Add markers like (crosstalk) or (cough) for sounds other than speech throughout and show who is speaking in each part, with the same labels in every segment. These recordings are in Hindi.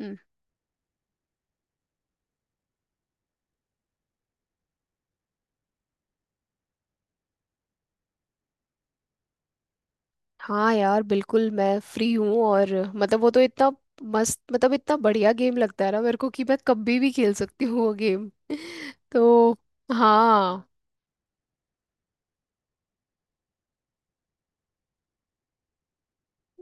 Speaker 1: हम्म। हाँ यार, बिल्कुल मैं फ्री हूँ। और मतलब वो तो इतना मस्त, मतलब इतना बढ़िया गेम लगता है ना मेरे को कि मैं कभी भी खेल सकती हूँ वो गेम। (laughs) तो हाँ,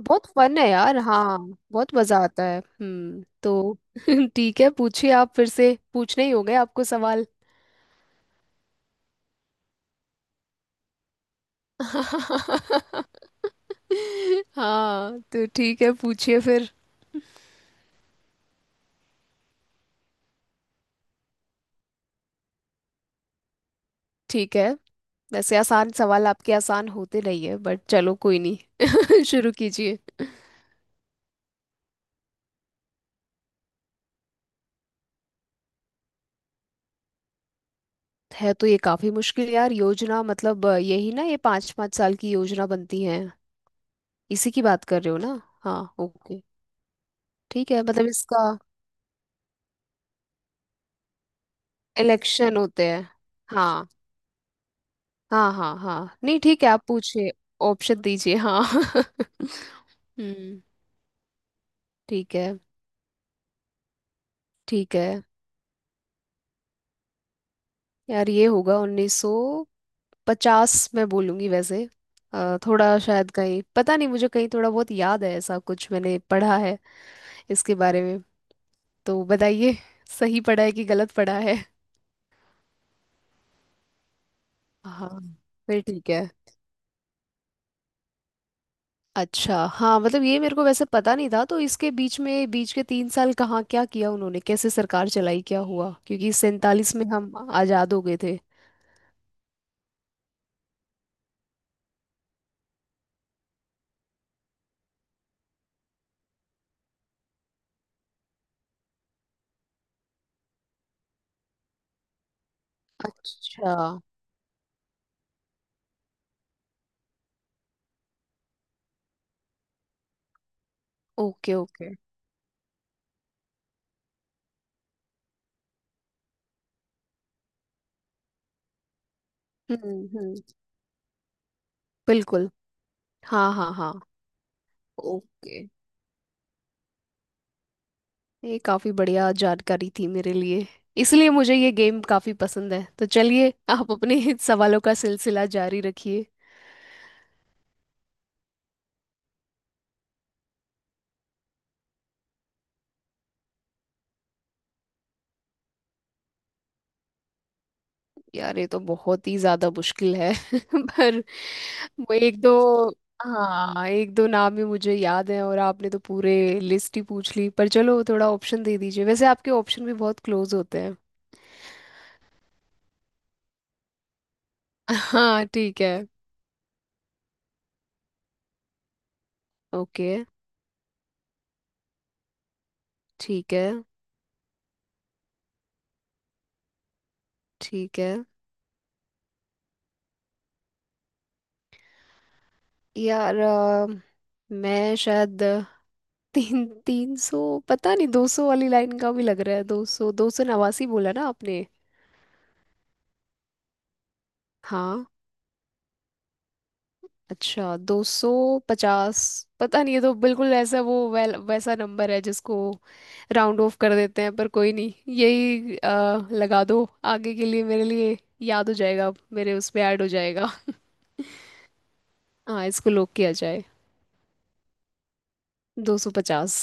Speaker 1: बहुत फन है यार। हाँ, बहुत मजा आता है। तो (laughs) ठीक है, पूछिए। आप फिर से पूछने ही हो गए आपको सवाल। (laughs) हाँ, तो ठीक है, पूछिए फिर। ठीक है। वैसे आसान सवाल आपके आसान होते नहीं है, बट चलो कोई नहीं। (laughs) शुरू कीजिए। है तो ये काफी मुश्किल यार। योजना मतलब यही ना, ये पाँच पाँच साल की योजना बनती है। इसी की बात कर रहे हो ना? हाँ ओके। ठीक है, मतलब इसका इलेक्शन होते हैं। हाँ हाँ हाँ। हाँ, नहीं ठीक है, आप पूछिए। ऑप्शन दीजिए, हाँ। (laughs) हम्म। ठीक है, ठीक है। यार ये होगा 1950, मैं बोलूंगी वैसे। थोड़ा शायद कहीं, पता नहीं मुझे कहीं थोड़ा बहुत याद है, ऐसा कुछ मैंने पढ़ा है इसके बारे में। तो बताइए, सही पढ़ा है कि गलत पढ़ा है। हाँ, फिर ठीक है। अच्छा, हाँ, मतलब ये मेरे को वैसे पता नहीं था, तो इसके बीच में, बीच के तीन साल कहाँ, क्या किया उन्होंने, कैसे सरकार चलाई, क्या हुआ? क्योंकि सैंतालीस में हम आज़ाद हो गए थे। अच्छा। Okay okay. हम्म। बिल्कुल। हाँ हाँ हाँ। ओके। ये काफ़ी बढ़िया जानकारी थी मेरे लिए। इसलिए मुझे ये गेम काफ़ी पसंद है, तो चलिए आप अपने (laughs) सवालों का सिलसिला जारी रखिए। यार, ये तो बहुत ही ज्यादा मुश्किल है। (laughs) पर वो एक दो हाँ, एक दो नाम ही मुझे याद है, और आपने तो पूरे लिस्ट ही पूछ ली। पर चलो, थोड़ा ऑप्शन दे दीजिए। वैसे आपके ऑप्शन भी बहुत क्लोज होते हैं। हाँ ठीक है। ओके ठीक है। ठीक है यार। मैं शायद तीन तीन सौ, पता नहीं, दो सौ वाली लाइन का भी लग रहा है। दो सौ, दो सौ नवासी बोला ना आपने? हाँ, अच्छा, दो सौ पचास। पता नहीं, ये तो बिल्कुल ऐसा, वो वैसा नंबर है जिसको राउंड ऑफ कर देते हैं। पर कोई नहीं, यही लगा दो। आगे के लिए मेरे लिए याद हो जाएगा, मेरे उसमें ऐड हो जाएगा। हाँ, इसको लॉक किया जाए, दो सौ पचास।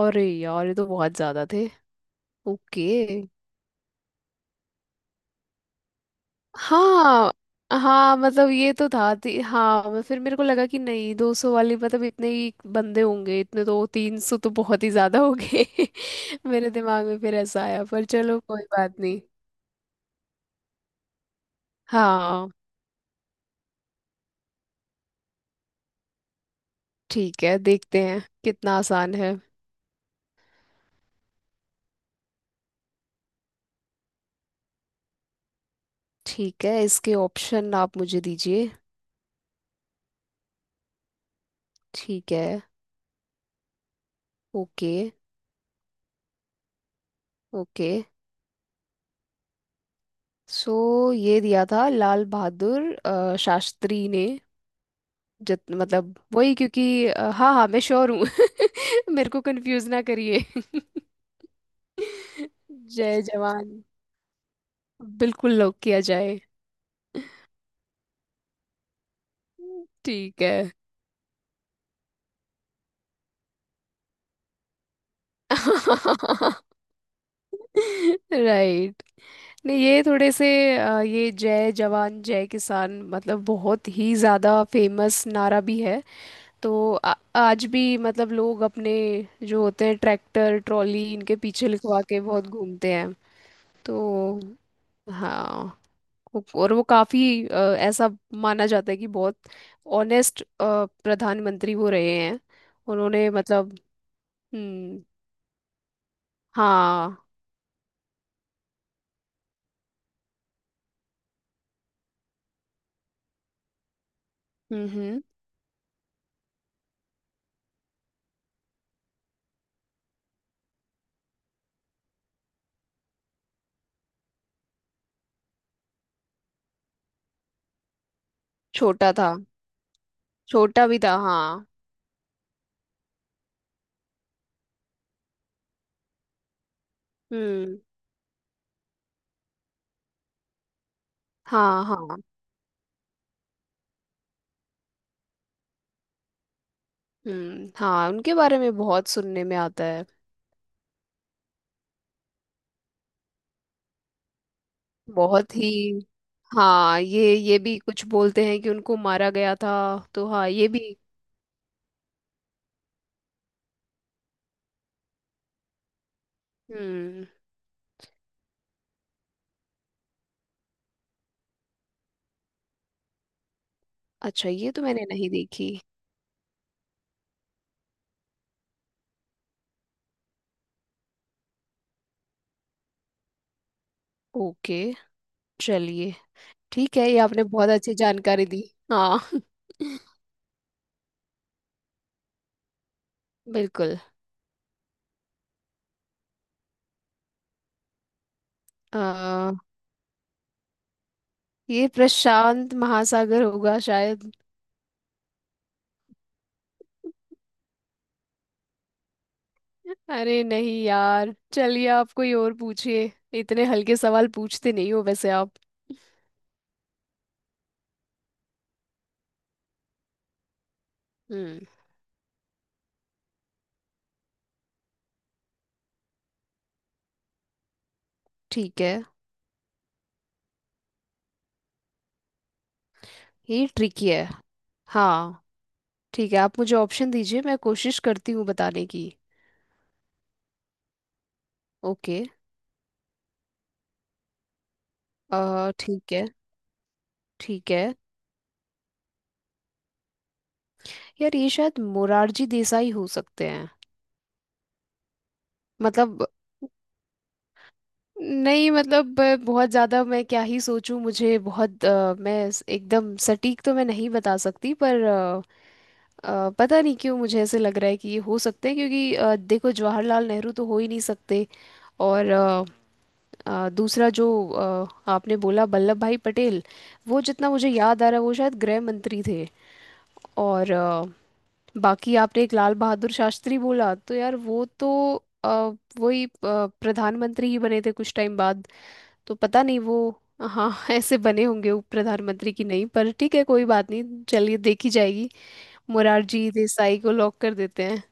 Speaker 1: अरे यार, ये तो बहुत ज़्यादा थे। ओके। हाँ हाँ, मतलब ये तो था हाँ, फिर मेरे को लगा कि नहीं, दो सौ वाली, मतलब इतने ही बंदे होंगे, इतने। तो तीन सौ तो बहुत ही ज्यादा हो गए। (laughs) मेरे दिमाग में फिर ऐसा आया, पर चलो कोई बात नहीं। हाँ ठीक है, देखते हैं कितना आसान है। ठीक है, इसके ऑप्शन आप मुझे दीजिए। ठीक है। Okay okay. सो ये दिया था लाल बहादुर शास्त्री ने। जित मतलब वही, क्योंकि हाँ हाँ, मैं श्योर हूँ। (laughs) मेरे को कंफ्यूज ना करिए। (laughs) जय जवान, बिल्कुल लॉक किया जाए। ठीक है। (laughs) राइट। नहीं, ये थोड़े से ये जय जवान जय किसान मतलब बहुत ही ज़्यादा फेमस नारा भी है। तो आज भी मतलब लोग अपने जो होते हैं ट्रैक्टर ट्रॉली इनके पीछे लिखवा के बहुत घूमते हैं। तो हाँ, और वो काफी ऐसा माना जाता है कि बहुत ऑनेस्ट प्रधानमंत्री वो रहे हैं। उन्होंने मतलब। हम्म। हाँ। हम्म। छोटा था। छोटा भी था, हाँ। हम्म। हाँ हाँ। हम्म। हाँ, उनके बारे में बहुत सुनने में आता है। बहुत ही। हाँ, ये भी कुछ बोलते हैं कि उनको मारा गया था। तो हाँ, ये भी। हम्म। अच्छा, ये तो मैंने नहीं देखी। ओके, चलिए। ठीक है, ये आपने बहुत अच्छी जानकारी दी। हाँ। (laughs) बिल्कुल। आ, ये प्रशांत महासागर होगा शायद। अरे नहीं यार, चलिए आप कोई और पूछिए। इतने हल्के सवाल पूछते नहीं हो वैसे आप। हम्म। ठीक है। ये ट्रिकी है। हाँ ठीक है, आप मुझे ऑप्शन दीजिए, मैं कोशिश करती हूँ बताने की। ओके। आ ठीक है। ठीक है यार, ये शायद मोरारजी देसाई हो सकते हैं। मतलब नहीं, मतलब बहुत ज़्यादा मैं क्या ही सोचूं, मुझे बहुत एकदम सटीक तो मैं नहीं बता सकती, पर पता नहीं क्यों मुझे ऐसे लग रहा है कि ये हो सकते हैं, क्योंकि देखो, जवाहरलाल नेहरू तो हो ही नहीं सकते। और दूसरा जो आपने बोला, वल्लभ भाई पटेल, वो जितना मुझे याद आ रहा है वो शायद गृह मंत्री थे। और बाकी आपने एक लाल बहादुर शास्त्री बोला, तो यार वो तो अ, वही प्रधानमंत्री ही बने थे कुछ टाइम बाद। तो पता नहीं वो, हाँ (laughs) ऐसे बने होंगे उप प्रधानमंत्री की नहीं? पर ठीक है, कोई बात नहीं, चलिए देखी जाएगी। मोरारजी देसाई को लॉक कर देते हैं।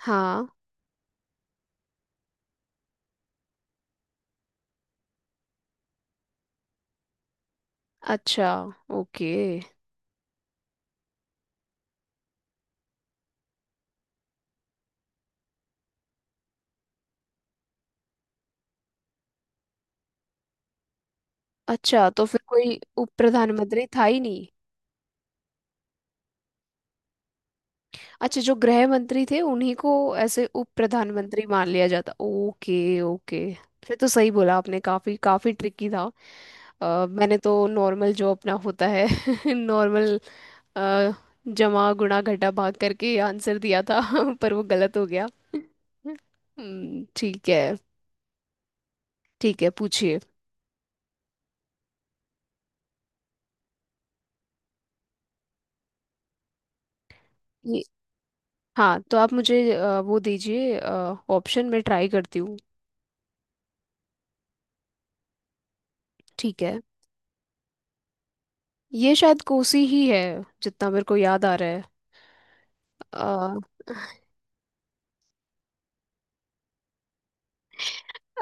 Speaker 1: हाँ, अच्छा। ओके। अच्छा, तो फिर कोई उप प्रधानमंत्री था ही नहीं? अच्छा, जो गृह मंत्री थे उन्हीं को ऐसे उप प्रधानमंत्री मान लिया जाता। Okay okay. फिर तो सही बोला आपने, काफी काफी ट्रिकी था। मैंने तो नॉर्मल जो अपना होता है (laughs) नॉर्मल जमा गुणा घटा भाग करके आंसर दिया था। (laughs) पर वो गलत हो गया। (laughs) ठीक है। ठीक है, पूछिए। ये- हाँ, तो आप मुझे वो दीजिए ऑप्शन में, ट्राई करती हूँ। ठीक है, ये शायद कोसी ही है, जितना मेरे को याद आ रहा है।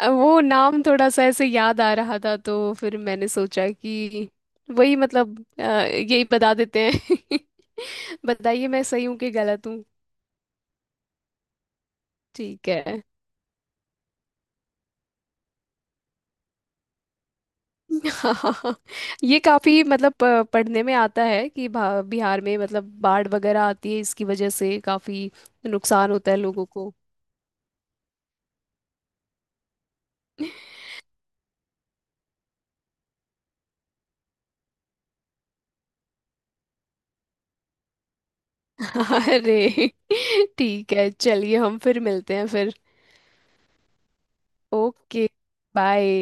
Speaker 1: अब वो नाम थोड़ा सा ऐसे याद आ रहा था, तो फिर मैंने सोचा कि वही मतलब, यही बता देते हैं। (laughs) बताइए, मैं सही हूँ कि गलत हूँ। ठीक है। (laughs) हाँ, ये काफी मतलब पढ़ने में आता है कि बिहार में मतलब बाढ़ वगैरह आती है, इसकी वजह से काफी नुकसान होता है लोगों को। (laughs) अरे, ठीक है, चलिए हम फिर मिलते हैं फिर। ओके। बाय।